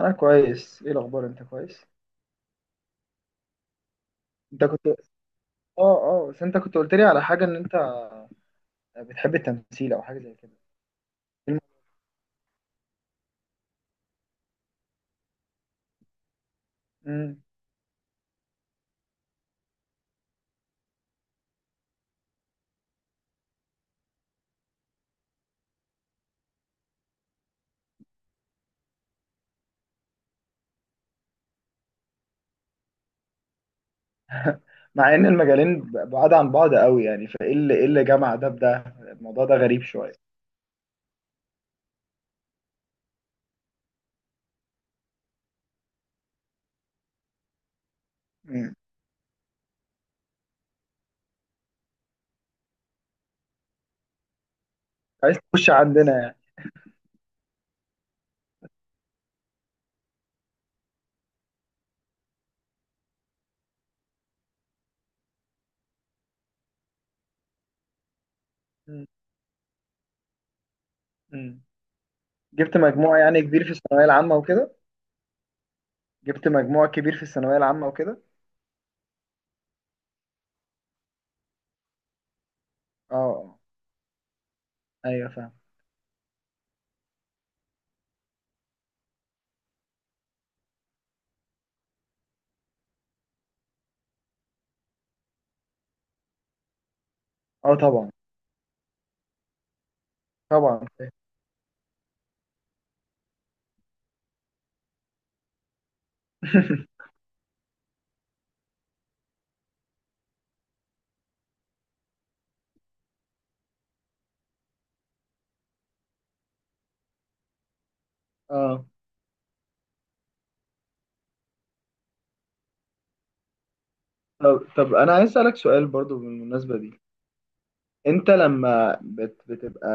انا كويس، ايه الاخبار؟ انت كويس؟ انت كنت اه اه بس انت كنت قلت لي على حاجه ان انت بتحب التمثيل او حاجه زي كده. الم- مم. مع ان المجالين بعاد عن بعض قوي يعني، فايه اللي ايه اللي جمع ده بده؟ الموضوع ده غريب شويه. مم. عايز تخش عندنا يعني. مم. مم. جبت مجموع يعني كبير في الثانويه العامه وكده؟ جبت مجموع كبير في الثانويه العامه وكده؟ اه آه. ايوه فاهم. اه طبعا. طبعا فاهم. اه. طب انا عايز اسالك سؤال برضو بالمناسبه دي. انت بتبقى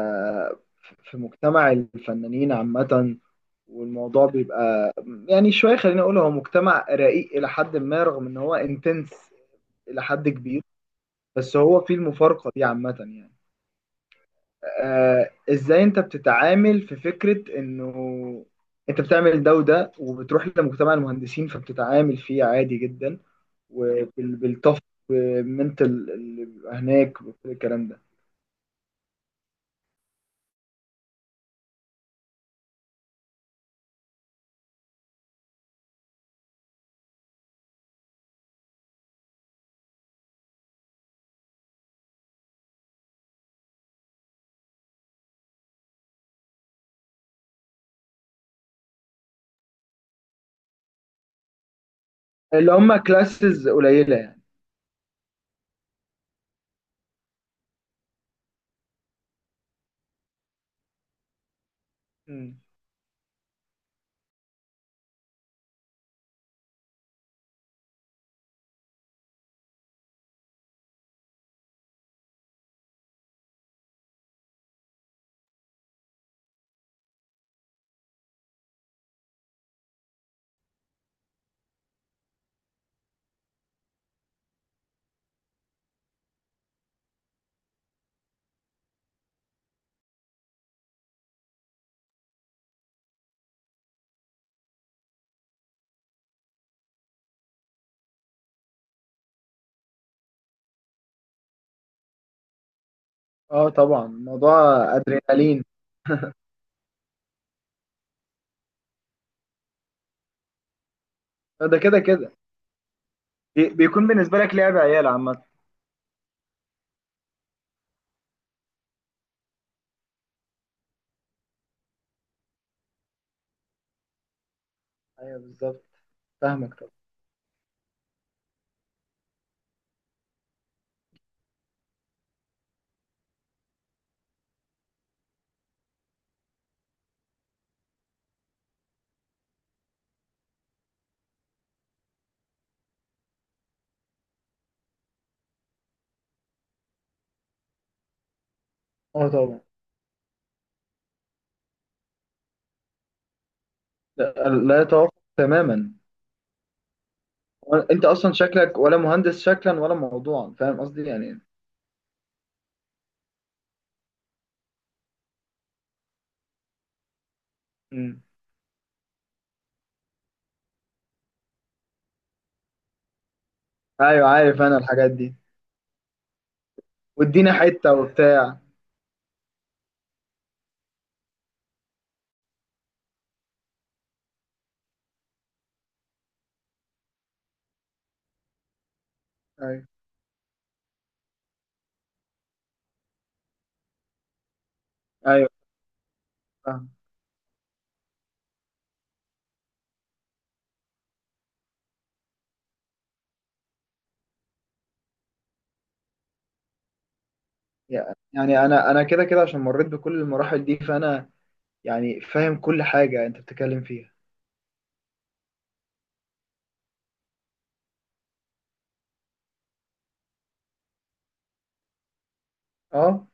في مجتمع الفنانين عامة، والموضوع بيبقى يعني شوية، خليني اقول هو مجتمع رقيق الى حد ما، رغم ان هو انتنس الى حد كبير. بس هو فيه المفارقة دي عامة يعني. آه، ازاي انت بتتعامل في فكرة انه انت بتعمل ده وده وبتروح لمجتمع المهندسين فبتتعامل فيه عادي جدا وبالطف بالمنتال اللي بيبقى هناك وكل الكلام ده؟ اللي هم كلاسز قليله يعني. مم. اه طبعا، موضوع ادرينالين ده كده كده. بيكون بالنسبة لك لعب عيال عامة. ايوه بالظبط. فاهمك طبعا. اه طبعا. لا, لا يتوافق تماما. انت اصلا شكلك ولا مهندس، شكلا ولا موضوعا، فاهم قصدي يعني. مم. ايوه عارف انا الحاجات دي. وادينا حته وبتاع. ايوه. ايوه فاهم. يعني انا كده كده عشان مريت بكل المراحل دي، فانا يعني فاهم كل حاجه انت بتتكلم فيها. اه.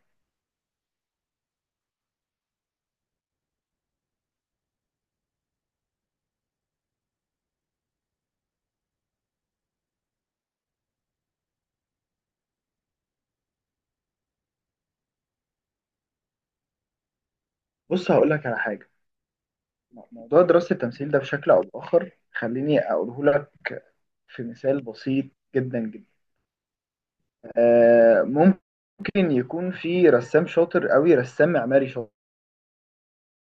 بص هقول لك على حاجه. موضوع دراسة التمثيل ده بشكل أو بآخر خليني أقوله لك في مثال بسيط جدا جدا. آه، ممكن يكون في رسام شاطر قوي، رسام معماري شاطر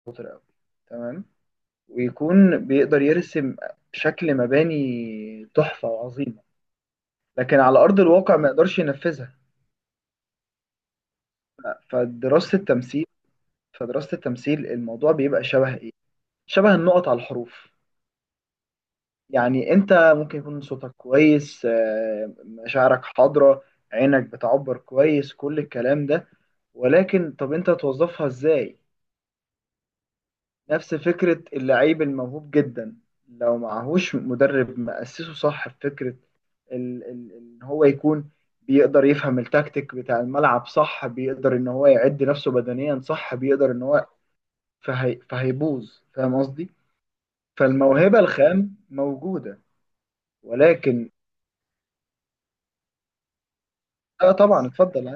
أوي، تمام، ويكون بيقدر يرسم شكل مباني تحفة وعظيمة، لكن على أرض الواقع ما يقدرش ينفذها. فدراسة التمثيل فدراسة التمثيل الموضوع بيبقى شبه إيه؟ شبه النقط على الحروف. يعني انت ممكن يكون صوتك كويس، آه، مشاعرك حاضرة، عينك بتعبر كويس، كل الكلام ده، ولكن طب انت توظفها ازاي؟ نفس فكرة اللعيب الموهوب جدا، لو معهوش مدرب مأسسه صح في فكرة ان هو يكون بيقدر يفهم التكتيك بتاع الملعب، صح بيقدر ان هو يعد نفسه بدنيا، صح بيقدر ان هو، فهي فهيبوظ. فاهم قصدي؟ فالموهبة الخام موجودة ولكن. اه طبعا اتفضل.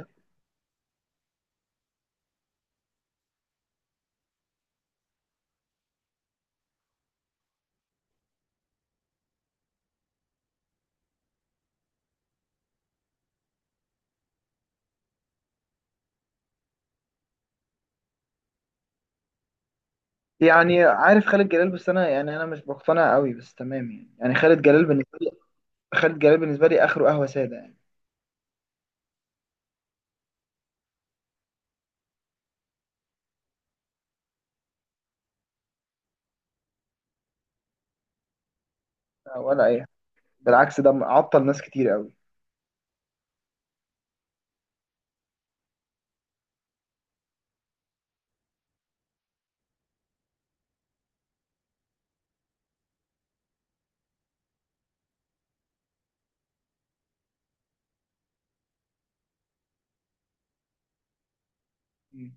يعني عارف خالد جلال، بس انا يعني انا مش مقتنع قوي، بس تمام يعني. خالد جلال بالنسبه لي اخره قهوه ساده يعني. ولا اي حاجة. بالعكس، ده عطل ناس كتير قوي. مم.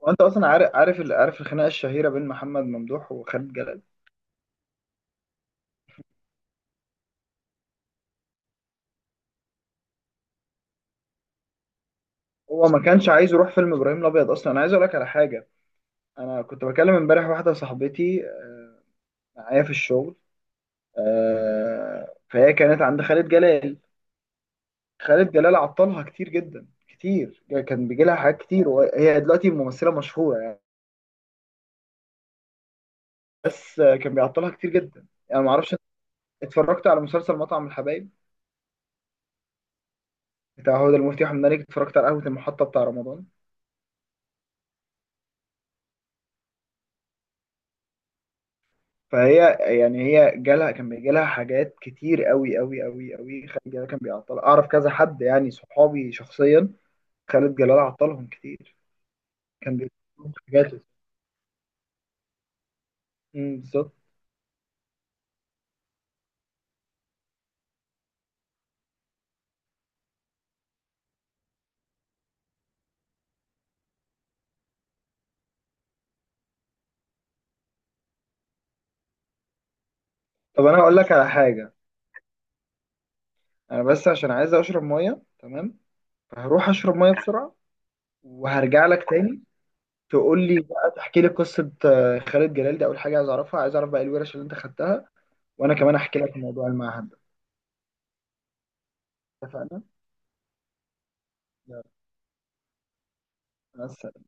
وانت اصلا عارف، عارف الخناقه الشهيره بين محمد ممدوح وخالد جلال. هو ما كانش عايز يروح فيلم ابراهيم الابيض اصلا. انا عايز اقول لك على حاجه. انا كنت بكلم امبارح واحده صاحبتي، آه، معايا في الشغل. آه، فهي كانت عند خالد جلال. خالد جلال عطلها كتير جدا كتير. كان بيجي لها حاجات كتير، وهي دلوقتي ممثله مشهوره. بس آه، كان بيعطلها كتير جدا يعني، ما اعرفش. اتفرجت على مسلسل مطعم الحبايب بتاع هدى المفتي واحمد مالك؟ اتفرجت على قهوة المحطة بتاع رمضان؟ فهي يعني هي جالها، كان بيجي لها حاجات كتير قوي قوي قوي قوي، خالد جلال كان بيعطلها. اعرف كذا حد يعني صحابي شخصيا خالد جلال عطلهم كتير. كان بيجي لهم حاجات. أمم، بالظبط. طب انا هقول لك على حاجة. انا بس عشان عايز اشرب مية، تمام، فهروح اشرب مية بسرعة وهرجع لك تاني. تقول لي بقى تحكي لي قصة آه، خالد جلال دي، أول حاجة عايز أعرفها، عايز أعرف بقى الورش اللي أنت خدتها، وأنا كمان أحكي لك عن موضوع المعهد ده. اتفقنا؟ يلا، مع السلامة.